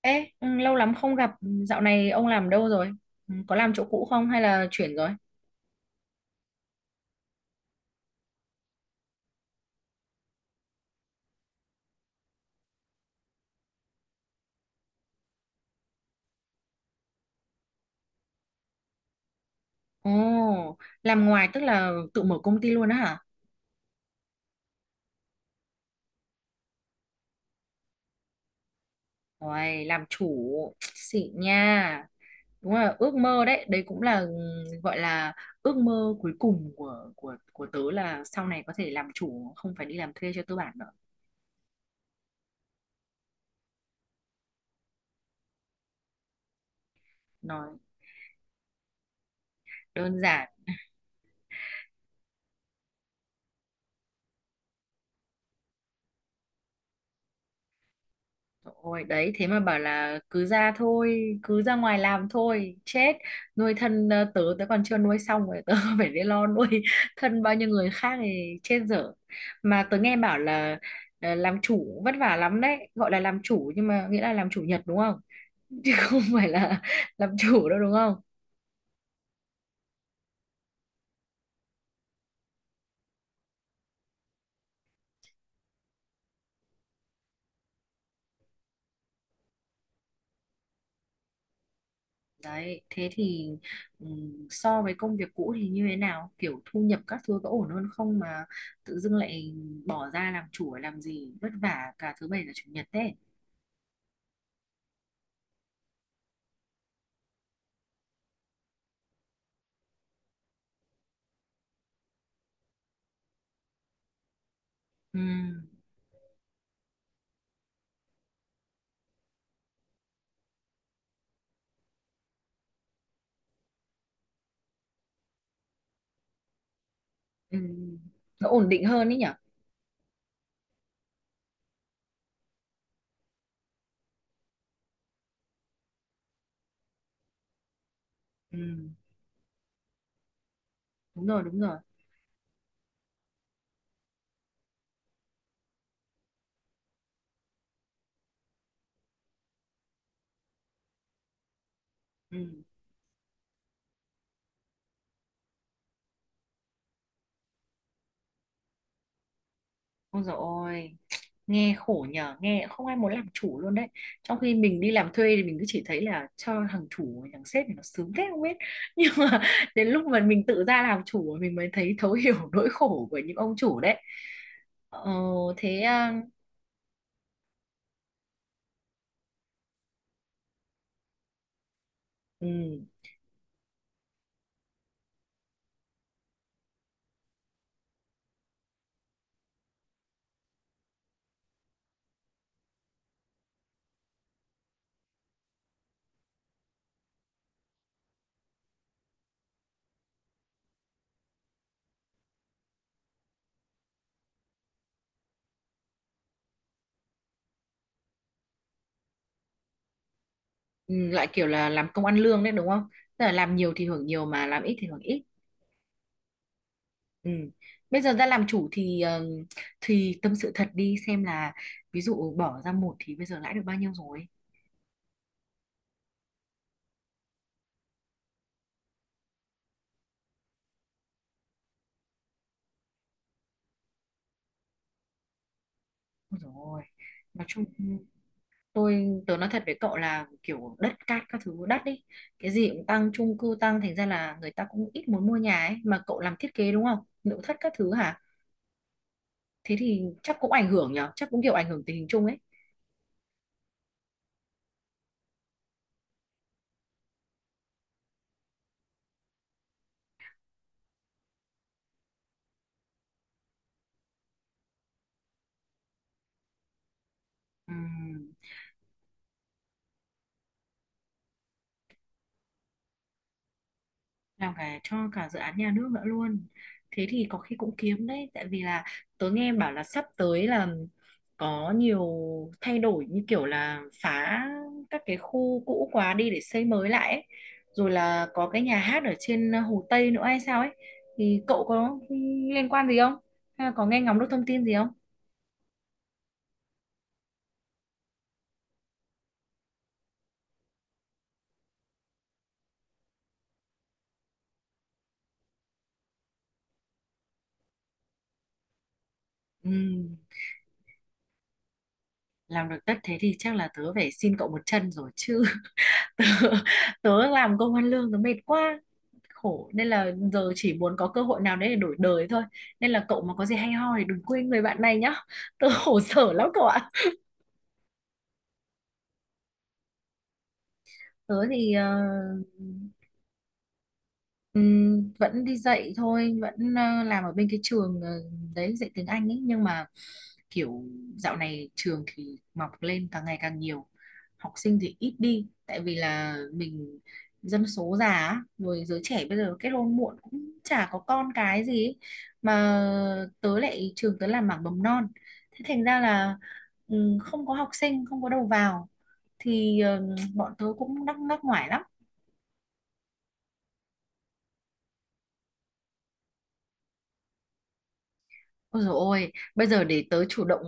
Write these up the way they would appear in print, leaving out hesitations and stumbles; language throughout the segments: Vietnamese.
Ê, ừ, lâu lắm không gặp. Ừ, dạo này ông làm đâu rồi? Ừ, có làm chỗ cũ không hay là chuyển rồi? Ồ, làm ngoài tức là tự mở công ty luôn á hả? Ôi, làm chủ, xịn nha. Đúng là ước mơ đấy, đấy cũng là gọi là ước mơ cuối cùng của tớ là sau này có thể làm chủ, không phải đi làm thuê cho tư bản nữa. Nói đơn giản. Ôi đấy, thế mà bảo là cứ ra thôi, cứ ra ngoài làm thôi chết. Nuôi thân tớ tớ còn chưa nuôi xong rồi tớ phải đi lo nuôi thân bao nhiêu người khác thì chết dở. Mà tớ nghe bảo là làm chủ vất vả lắm đấy, gọi là làm chủ nhưng mà nghĩa là làm chủ nhật, đúng không? Chứ không phải là làm chủ đâu, đúng không? Đấy, thế thì so với công việc cũ thì như thế nào? Kiểu thu nhập các thứ có ổn hơn không mà tự dưng lại bỏ ra làm chủ để làm gì vất vả cả thứ bảy và chủ nhật đấy. Ừm, ừm. Nó ổn định hơn ấy nhở? Ừm, đúng rồi, đúng rồi. Ừm. Ôi dồi ôi, nghe khổ nhờ, nghe không ai muốn làm chủ luôn đấy. Trong khi mình đi làm thuê thì mình cứ chỉ thấy là cho thằng chủ, thằng sếp thì nó sướng thế không biết. Nhưng mà đến lúc mà mình tự ra làm chủ mình mới thấy thấu hiểu nỗi khổ của những ông chủ đấy. Ờ, thế à, ừ, ừ, lại kiểu là làm công ăn lương đấy đúng không? Tức là làm nhiều thì hưởng nhiều mà làm ít thì hưởng ít. Ừ. Bây giờ ra làm chủ thì thì tâm sự thật đi xem là ví dụ bỏ ra một thì bây giờ lãi được bao nhiêu rồi. Rồi. Nói chung tớ nói thật với cậu là kiểu đất cát các thứ đắt ấy, cái gì cũng tăng, chung cư tăng, thành ra là người ta cũng ít muốn mua nhà ấy. Mà cậu làm thiết kế đúng không, nội thất các thứ hả? Thế thì chắc cũng ảnh hưởng nhở, chắc cũng kiểu ảnh hưởng tình hình chung ấy. Ừm. Làm cả cho cả dự án nhà nước nữa luôn, thế thì có khi cũng kiếm đấy, tại vì là tớ nghe bảo là sắp tới là có nhiều thay đổi như kiểu là phá các cái khu cũ quá đi để xây mới lại ấy. Rồi là có cái nhà hát ở trên Hồ Tây nữa hay sao ấy, thì cậu có liên quan gì không, hay là có nghe ngóng được thông tin gì không? Ừ, làm được tất thế thì chắc là tớ phải xin cậu một chân rồi chứ. Tớ làm công ăn lương tớ mệt quá khổ, nên là giờ chỉ muốn có cơ hội nào đấy để đổi đời thôi, nên là cậu mà có gì hay ho thì đừng quên người bạn này nhá. Tớ khổ sở lắm cậu ạ. Tớ thì vẫn đi dạy thôi, vẫn làm ở bên cái trường đấy, dạy tiếng Anh ấy, nhưng mà kiểu dạo này trường thì mọc lên càng ngày càng nhiều, học sinh thì ít đi tại vì là mình dân số già á, rồi giới trẻ bây giờ kết hôn muộn cũng chả có con cái gì ấy. Mà tớ lại trường tớ làm mảng mầm non, thế thành ra là không có học sinh, không có đầu vào, thì bọn tớ cũng đắc ngắc ngoải lắm. Ôi dồi ôi, bây giờ để tớ chủ động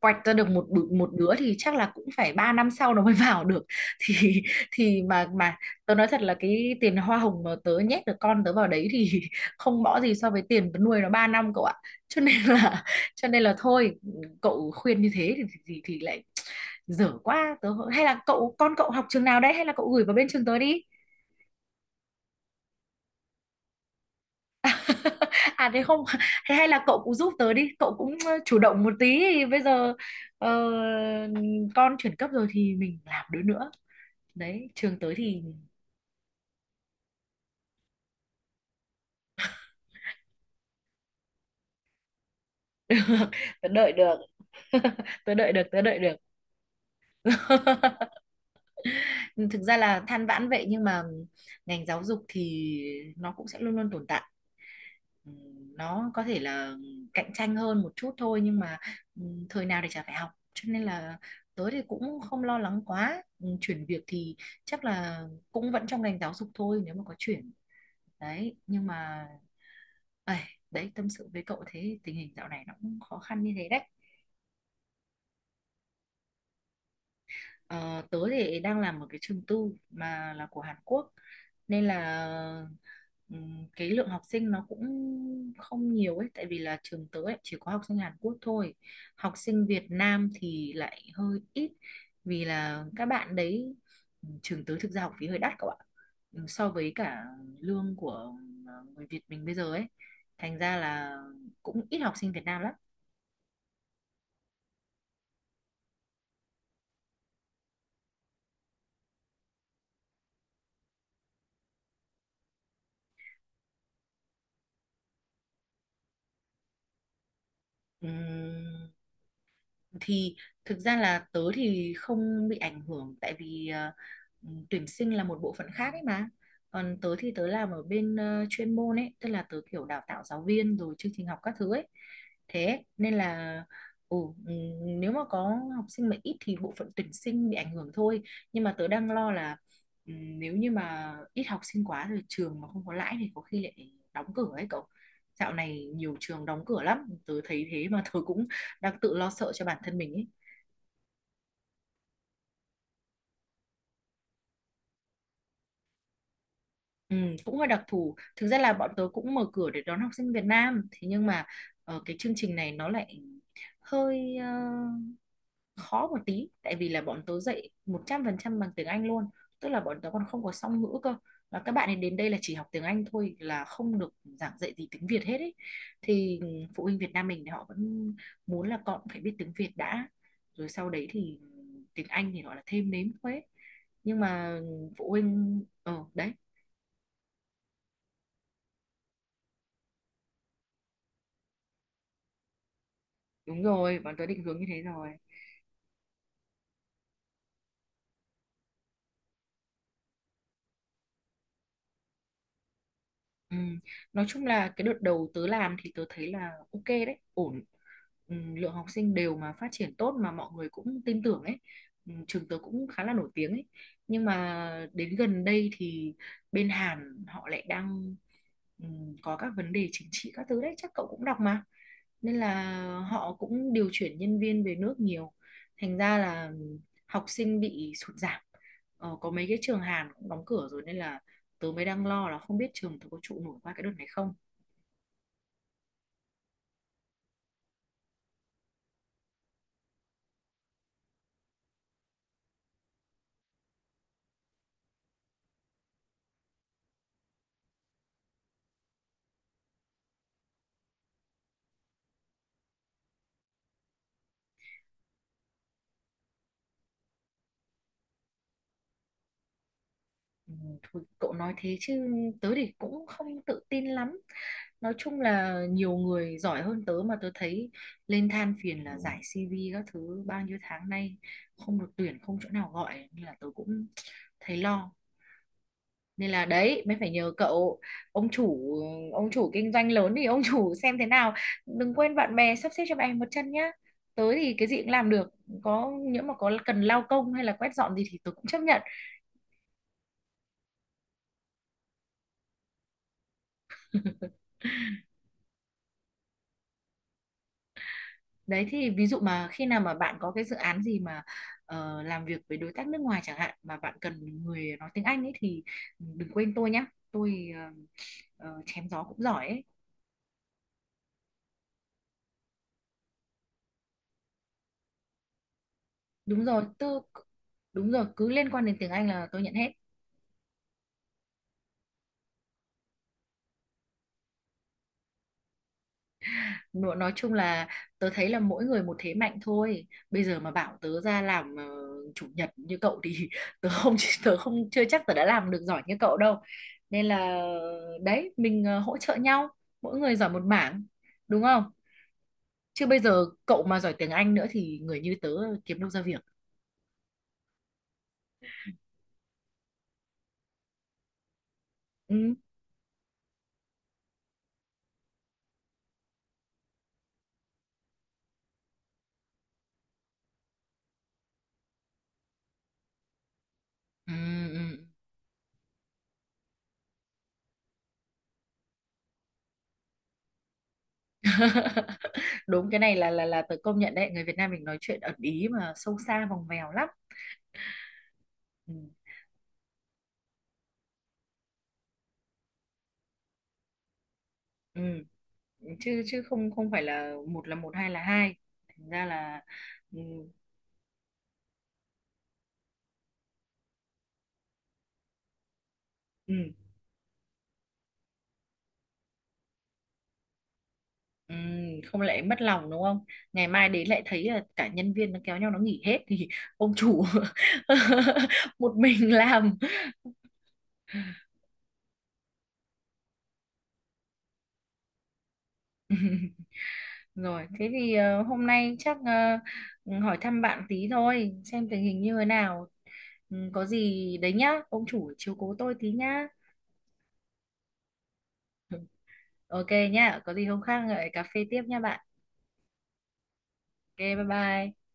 quạch ra được một đứa thì chắc là cũng phải 3 năm sau nó mới vào được. Thì mà tớ nói thật là cái tiền hoa hồng mà tớ nhét được con tớ vào đấy thì không bỏ gì so với tiền tớ nuôi nó 3 năm cậu ạ. Cho nên là cho nên là thôi, cậu khuyên như thế thì lại dở quá tớ, hay là cậu con cậu học trường nào đấy, hay là cậu gửi vào bên trường tớ đi. À thế không. Thế hay là cậu cũng giúp tớ đi, cậu cũng chủ động một tí, thì bây giờ ờ, con chuyển cấp rồi thì mình làm đứa nữa đấy, trường tới thì được. Tớ đợi được. Tớ đợi được, tớ đợi được. Thực ra là than vãn vậy nhưng mà ngành giáo dục thì nó cũng sẽ luôn luôn tồn tại, ừ, nó có thể là cạnh tranh hơn một chút thôi, nhưng mà ừ, thời nào thì chả phải học, cho nên là tớ thì cũng không lo lắng quá. Ừ, chuyển việc thì chắc là cũng vẫn trong ngành giáo dục thôi nếu mà có chuyển đấy. Nhưng mà ấy, đấy, tâm sự với cậu thế, tình hình dạo này nó cũng khó khăn như thế đấy. Ờ, tớ thì đang làm một cái trường tư mà là của Hàn Quốc, nên là cái lượng học sinh nó cũng không nhiều ấy, tại vì là trường tớ ấy chỉ có học sinh Hàn Quốc thôi, học sinh Việt Nam thì lại hơi ít, vì là các bạn đấy trường tớ thực ra học phí hơi đắt các bạn, so với cả lương của người Việt mình bây giờ ấy, thành ra là cũng ít học sinh Việt Nam lắm. Ừm, thì thực ra là tớ thì không bị ảnh hưởng, tại vì tuyển sinh là một bộ phận khác ấy mà, còn tớ thì tớ làm ở bên chuyên môn ấy, tức là tớ kiểu đào tạo giáo viên rồi chương trình học các thứ ấy, thế nên là ừ, ừ, nếu mà có học sinh mà ít thì bộ phận tuyển sinh bị ảnh hưởng thôi. Nhưng mà tớ đang lo là nếu như mà ít học sinh quá rồi trường mà không có lãi thì có khi lại đóng cửa ấy cậu. Dạo này nhiều trường đóng cửa lắm tớ thấy, thế mà tớ cũng đang tự lo sợ cho bản thân mình ấy. Ừ, cũng hơi đặc thù. Thực ra là bọn tớ cũng mở cửa để đón học sinh Việt Nam, thế nhưng mà cái chương trình này nó lại hơi khó một tí, tại vì là bọn tớ dạy 100% bằng tiếng Anh luôn, tức là bọn tớ còn không có song ngữ cơ, và các bạn ấy đến đây là chỉ học tiếng Anh thôi, là không được giảng dạy gì tiếng Việt hết ấy, thì phụ huynh Việt Nam mình thì họ vẫn muốn là con phải biết tiếng Việt đã, rồi sau đấy thì tiếng Anh thì gọi là thêm nếm thôi ấy. Nhưng mà phụ huynh đấy. Đúng rồi, bọn tớ định hướng như thế rồi. Ừ. Nói chung là cái đợt đầu tớ làm thì tớ thấy là ok đấy, ổn. Ừ, lượng học sinh đều mà phát triển tốt mà mọi người cũng tin tưởng ấy. Ừ, trường tớ cũng khá là nổi tiếng ấy. Nhưng mà đến gần đây thì bên Hàn họ lại đang ừ, có các vấn đề chính trị các thứ đấy, chắc cậu cũng đọc mà, nên là họ cũng điều chuyển nhân viên về nước nhiều, thành ra là học sinh bị sụt giảm, có mấy cái trường Hàn cũng đóng cửa rồi, nên là tớ mới đang lo là không biết trường tớ có trụ nổi qua cái đợt này không. Ừ, thôi cậu nói thế chứ tớ thì cũng không tự tin lắm, nói chung là nhiều người giỏi hơn tớ mà tớ thấy lên than phiền là giải CV các thứ bao nhiêu tháng nay không được tuyển, không chỗ nào gọi, nên là tớ cũng thấy lo, nên là đấy mới phải nhờ cậu. Ông chủ, ông chủ kinh doanh lớn thì ông chủ xem thế nào, đừng quên bạn bè, sắp xếp cho bạn một chân nhá. Tới thì cái gì cũng làm được, có những mà có cần lao công hay là quét dọn gì thì tôi cũng chấp nhận. Đấy, thì ví dụ mà khi nào mà bạn có cái dự án gì mà làm việc với đối tác nước ngoài chẳng hạn mà bạn cần người nói tiếng Anh ấy, thì đừng quên tôi nhá. Tôi chém gió cũng giỏi ấy. Đúng rồi tôi, đúng rồi, cứ liên quan đến tiếng Anh là tôi nhận hết. Nói chung là tớ thấy là mỗi người một thế mạnh thôi, bây giờ mà bảo tớ ra làm chủ nhật như cậu thì tớ không tớ không chưa chắc tớ đã làm được giỏi như cậu đâu, nên là đấy mình hỗ trợ nhau, mỗi người giỏi một mảng, đúng không, chứ bây giờ cậu mà giỏi tiếng Anh nữa thì người như tớ kiếm đâu ra việc. Ừ. Ừ, ừ. Đúng, cái này là tớ công nhận đấy, người Việt Nam mình nói chuyện ẩn ý mà sâu xa vòng vèo lắm. Ừ. Ừ. chứ chứ không không phải là một là một, hai là hai, thành ra là ừ, ừ, ừ, không lại mất lòng đúng không, ngày mai đến lại thấy là cả nhân viên nó kéo nhau nó nghỉ hết thì ông chủ một mình làm. Rồi thế thì hôm nay chắc hỏi thăm bạn tí thôi xem tình hình như thế nào. Ừ, có gì đấy nhá, ông chủ chiếu cố tôi tí nhá. Ừ, ok nhá, có gì hôm khác lại cà phê tiếp nha bạn. Ok, bye bye.